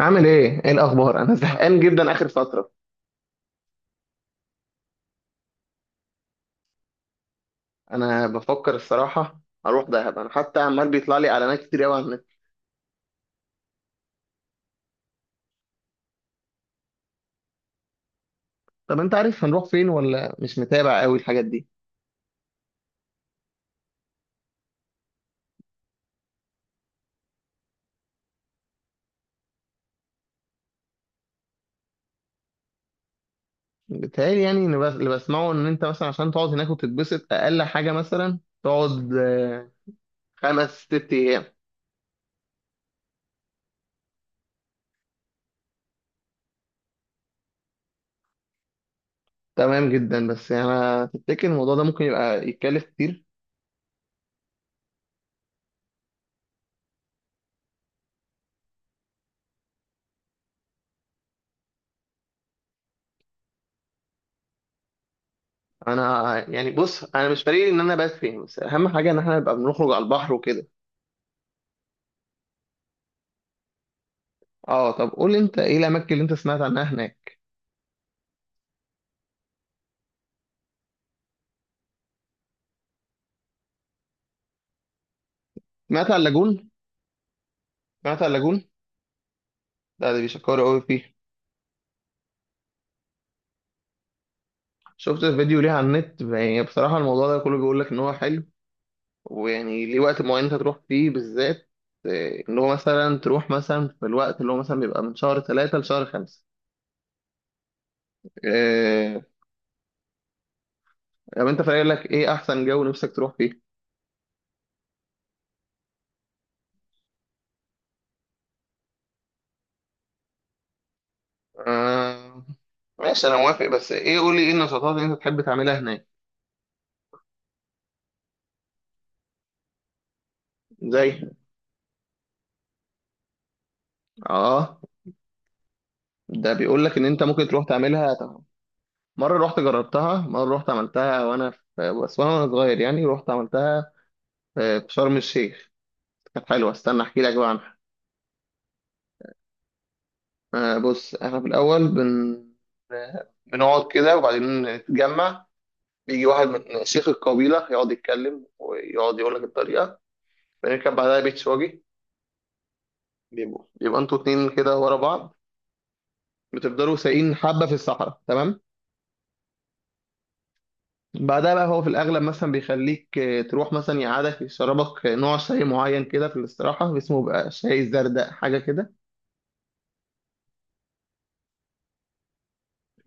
عامل ايه؟ ايه الاخبار؟ انا زهقان جدا اخر فتره. انا بفكر الصراحه اروح دهب، انا حتى عمال بيطلع لي اعلانات كتير قوي على النت. طب انت عارف هنروح فين ولا مش متابع قوي الحاجات دي؟ بيتهيألي يعني إن اللي بسمعه ان انت مثلا عشان تقعد هناك وتتبسط، اقل حاجه مثلا تقعد خمس ست ايام. تمام جدا، بس يعني انا تفتكر الموضوع ده ممكن يبقى يتكلف كتير؟ انا يعني بص، انا مش فارق لي ان انا بس فين، بس اهم حاجه ان احنا نبقى بنخرج على البحر وكده. اه طب قول لي، انت ايه الاماكن اللي انت سمعت عنها هناك؟ سمعت عن اللاجون. سمعت عن اللاجون. لا ده بيشكروا قوي فيه. شفت فيديو ليه على النت، يعني بصراحة الموضوع ده كله بيقول لك ان هو حلو، ويعني ليه وقت معين انت تروح فيه بالذات، ان هو مثلا تروح مثلا في الوقت اللي هو مثلا بيبقى من شهر 3 لشهر خمسة. آه. طب انت فاكر لك ايه احسن جو نفسك تروح فيه؟ آه. ماشي، انا موافق، بس ايه؟ قولي ايه النشاطات اللي انت تحب تعملها هناك. زي؟ اه ده بيقول لك ان انت ممكن تروح تعملها. مرة رحت جربتها، مرة رحت عملتها وأنا في، بس وأنا صغير يعني رحت عملتها في شرم الشيخ. كانت حلوة، استنى أحكي لك بقى عنها. بص إحنا في الأول بنقعد كده وبعدين نتجمع. بيجي واحد من شيخ القبيلة يقعد يتكلم ويقعد يقول لك الطريقة. بنركب بعدها بيتش واجي. بيبقوا، يبقى انتوا اتنين كده ورا بعض، بتفضلوا سايقين حبة في الصحراء. تمام. بعدها بقى هو في الأغلب مثلا بيخليك تروح مثلا، يقعدك يشربك نوع شاي معين كده في الاستراحة، اسمه بقى شاي زردق حاجة كده،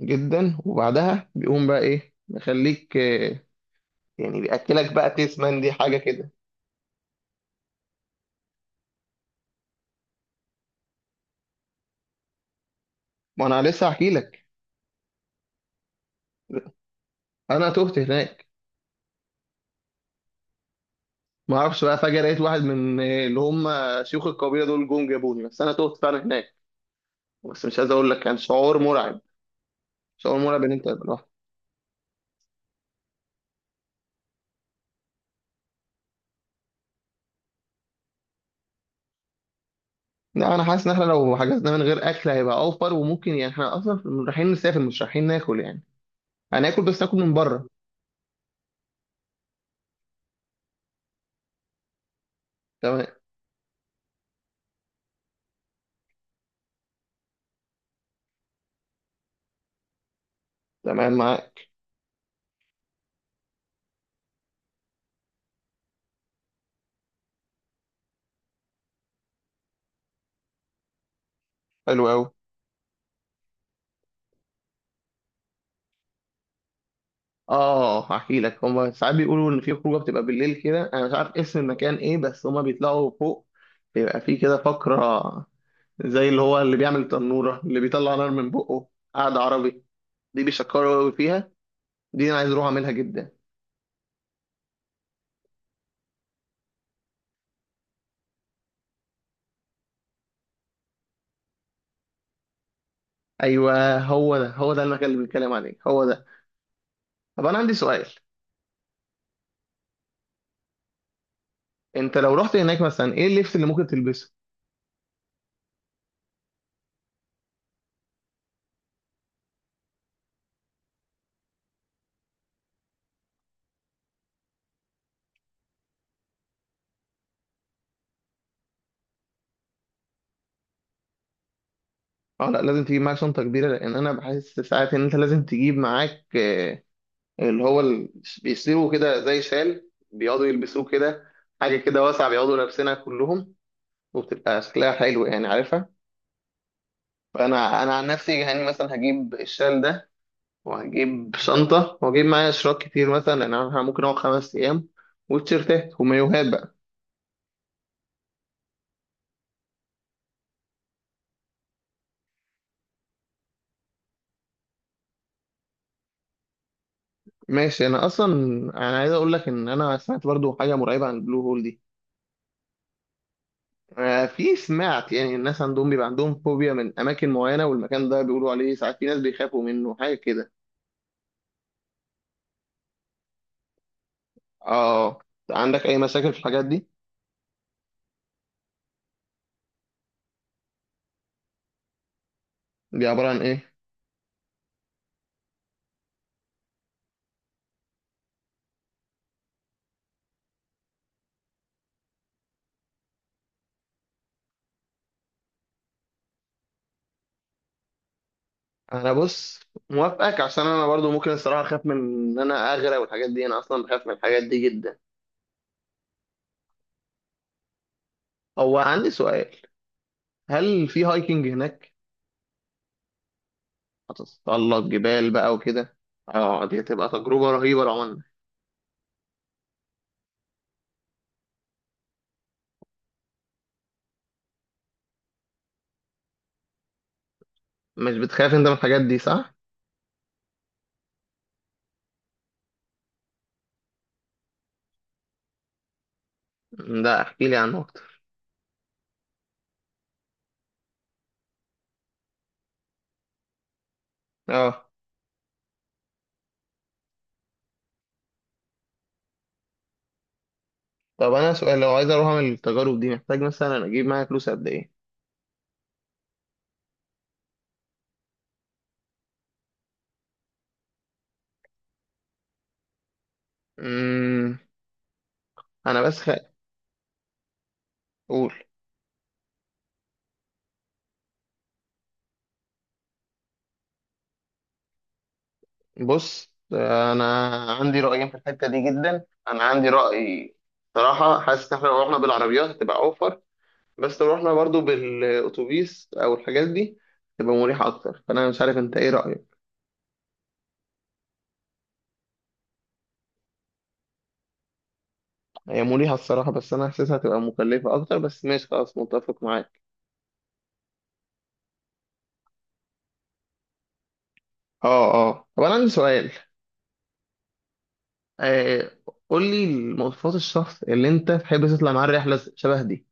جدا. وبعدها بيقوم بقى إيه، يخليك يعني بيأكلك بقى تسمن، دي حاجة كده. ما أنا لسه هحكي لك. أنا تهت هناك. ما أعرفش بقى، فجأة لقيت واحد من اللي هم شيوخ القبيلة دول جم جابوني، بس أنا تهت فعلا هناك. بس مش عايز أقول لك، كان شعور مرعب. شعور مرعب إن أنت. لا انا حاسس ان احنا لو حجزنا من غير اكل هيبقى اوفر، وممكن يعني احنا اصلا رايحين نسافر مش رايحين ناكل يعني. هناكل بس ناكل من بره. تمام. تمام معاك. حلو قوي. اه هحكي لك، هما ساعات بيقولوا ان في خروجه بتبقى بالليل كده، انا مش عارف اسم المكان ايه، بس هما بيطلعوا فوق. بيبقى في كده فقره زي اللي هو اللي بيعمل تنوره، اللي بيطلع نار من بقه. قعده عربي. دي بيشكروا قوي فيها. دي انا عايز اروح اعملها جدا. ايوه، هو ده، هو ده المكان اللي بنتكلم عليه، هو ده. طب انا عندي سؤال. انت لو رحت هناك مثلا، ايه اللبس اللي ممكن تلبسه؟ اه لا، لازم تجيب معاك شنطه كبيره، لان انا بحس ساعات ان انت لازم تجيب معاك اللي هو ال- بيصيروا كده زي شال بيقعدوا يلبسوه كده. حاجه كده واسعه بيقعدوا لابسينها كلهم، وبتبقى شكلها حلو يعني، عارفها. فانا، انا عن نفسي يعني مثلا هجيب الشال ده، وهجيب شنطه، وهجيب معايا اشراك كتير مثلا لان انا ممكن اقعد 5 ايام، وتيشيرتات ومايوهات بقى. ماشي، انا اصلا انا عايز اقول لك ان انا سمعت برضو حاجه مرعبه عن البلو هول دي. في، سمعت يعني الناس عندهم بيبقى عندهم فوبيا من اماكن معينه، والمكان ده بيقولوا عليه ساعات في ناس بيخافوا منه، حاجه كده. اه. عندك اي مشاكل في الحاجات دي؟ دي عباره عن ايه؟ انا بص، موافقك عشان انا برضو ممكن الصراحه اخاف من ان انا اغرق والحاجات دي، انا اصلا بخاف من الحاجات دي جدا. هو عندي سؤال. هل في هايكنج هناك؟ هتتسلق جبال بقى وكده. اه دي هتبقى تجربه رهيبه لو عملنا. مش بتخاف انت من الحاجات دي، صح؟ لا احكي لي عنه اكتر. اه، طب انا سؤال، لو عايز اروح اعمل التجارب دي محتاج مثلا اجيب معايا فلوس قد ايه؟ امم انا بس قول. بص انا عندي رايين في الحته دي جدا، انا عندي راي. صراحه حاسس ان احنا لو رحنا بالعربيات هتبقى اوفر، بس لو رحنا برضو بالاتوبيس او الحاجات دي تبقى مريحه اكتر، فانا مش عارف انت ايه رايك. هي مريحه الصراحه، بس انا حاسسها هتبقى مكلفه اكتر، بس ماشي خلاص متفق معاك. اه اه، طب انا عندي سؤال. آه، قول لي مواصفات الشخص اللي انت تحب تطلع معاه الرحله شبه دي.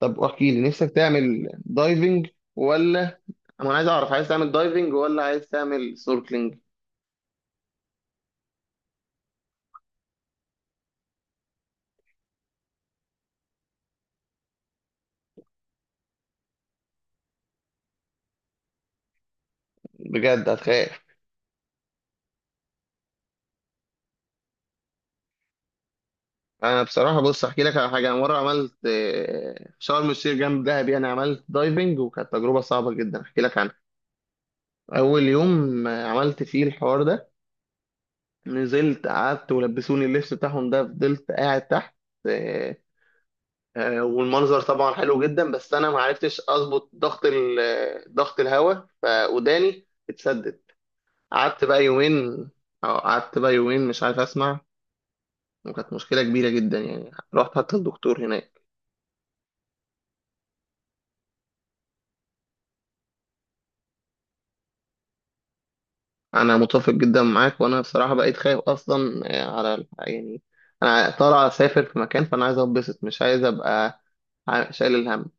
طب احكي لي، نفسك تعمل دايفنج ولا؟ انا عايز اعرف، عايز تعمل دايفنج ولا عايز تعمل سnorkeling؟ بجد هتخاف؟ انا بصراحه بص، احكي لك على حاجه. انا مره عملت شرم الشيخ جنب دهب يعني، عملت دايفنج وكانت تجربه صعبه جدا، احكي لك عنها. اول يوم عملت فيه الحوار ده. نزلت قعدت، ولبسوني اللبس بتاعهم ده، فضلت قاعد تحت. والمنظر طبعا حلو جدا، بس انا ما عرفتش اظبط ضغط ضغط الهواء، فوداني اتسدد. قعدت بقى يومين. اه، قعدت بقى يومين مش عارف اسمع، وكانت مشكله كبيره جدا يعني، رحت حتى الدكتور هناك. انا متفق جدا معاك، وانا بصراحه بقيت خايف اصلا على يعني انا طالع اسافر في مكان، فانا عايز اتبسط، مش عايز ابقى شايل الهم.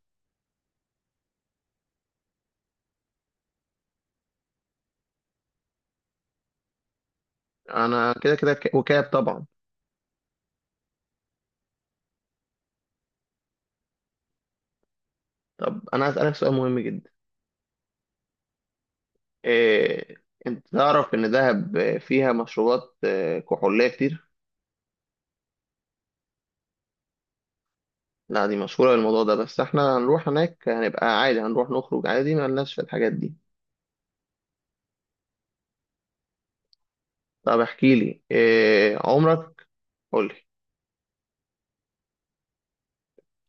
انا كده كده وكاب طبعا. طب انا عايز اسالك سؤال مهم جدا. إيه، انت تعرف ان دهب فيها مشروبات كحولية كتير؟ لا دي مشهورة بالموضوع ده، بس احنا هنروح هناك هنبقى عادي، هنروح نخرج عادي، ما لناش في الحاجات دي. طب احكي لي إيه عمرك؟ قول لي.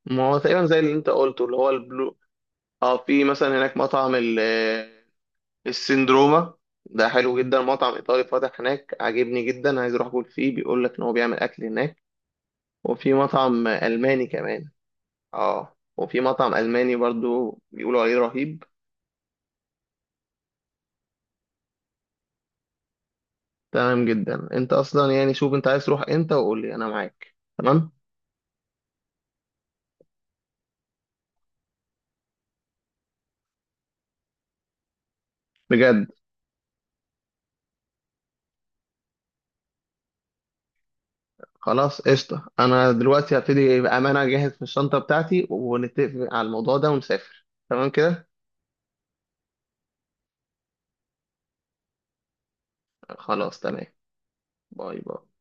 ما هو تقريبا زي اللي انت قلته، اللي هو البلو. اه، في مثلا هناك مطعم السندروما، ده حلو جدا، مطعم ايطالي فاتح هناك عاجبني جدا، عايز اروح اكل فيه. بيقول لك ان هو بيعمل اكل هناك، وفي مطعم الماني كمان. اه وفي مطعم ألماني برضو بيقولوا عليه رهيب. تمام جدا. انت اصلا يعني شوف انت عايز تروح امتى وقول لي، انا معاك. تمام؟ بجد. خلاص، قشطه، انا دلوقتي هبتدي بامانه اجهز في الشنطه بتاعتي، ونتفق على الموضوع ده ونسافر، تمام كده. خلاص تمام. باي باي.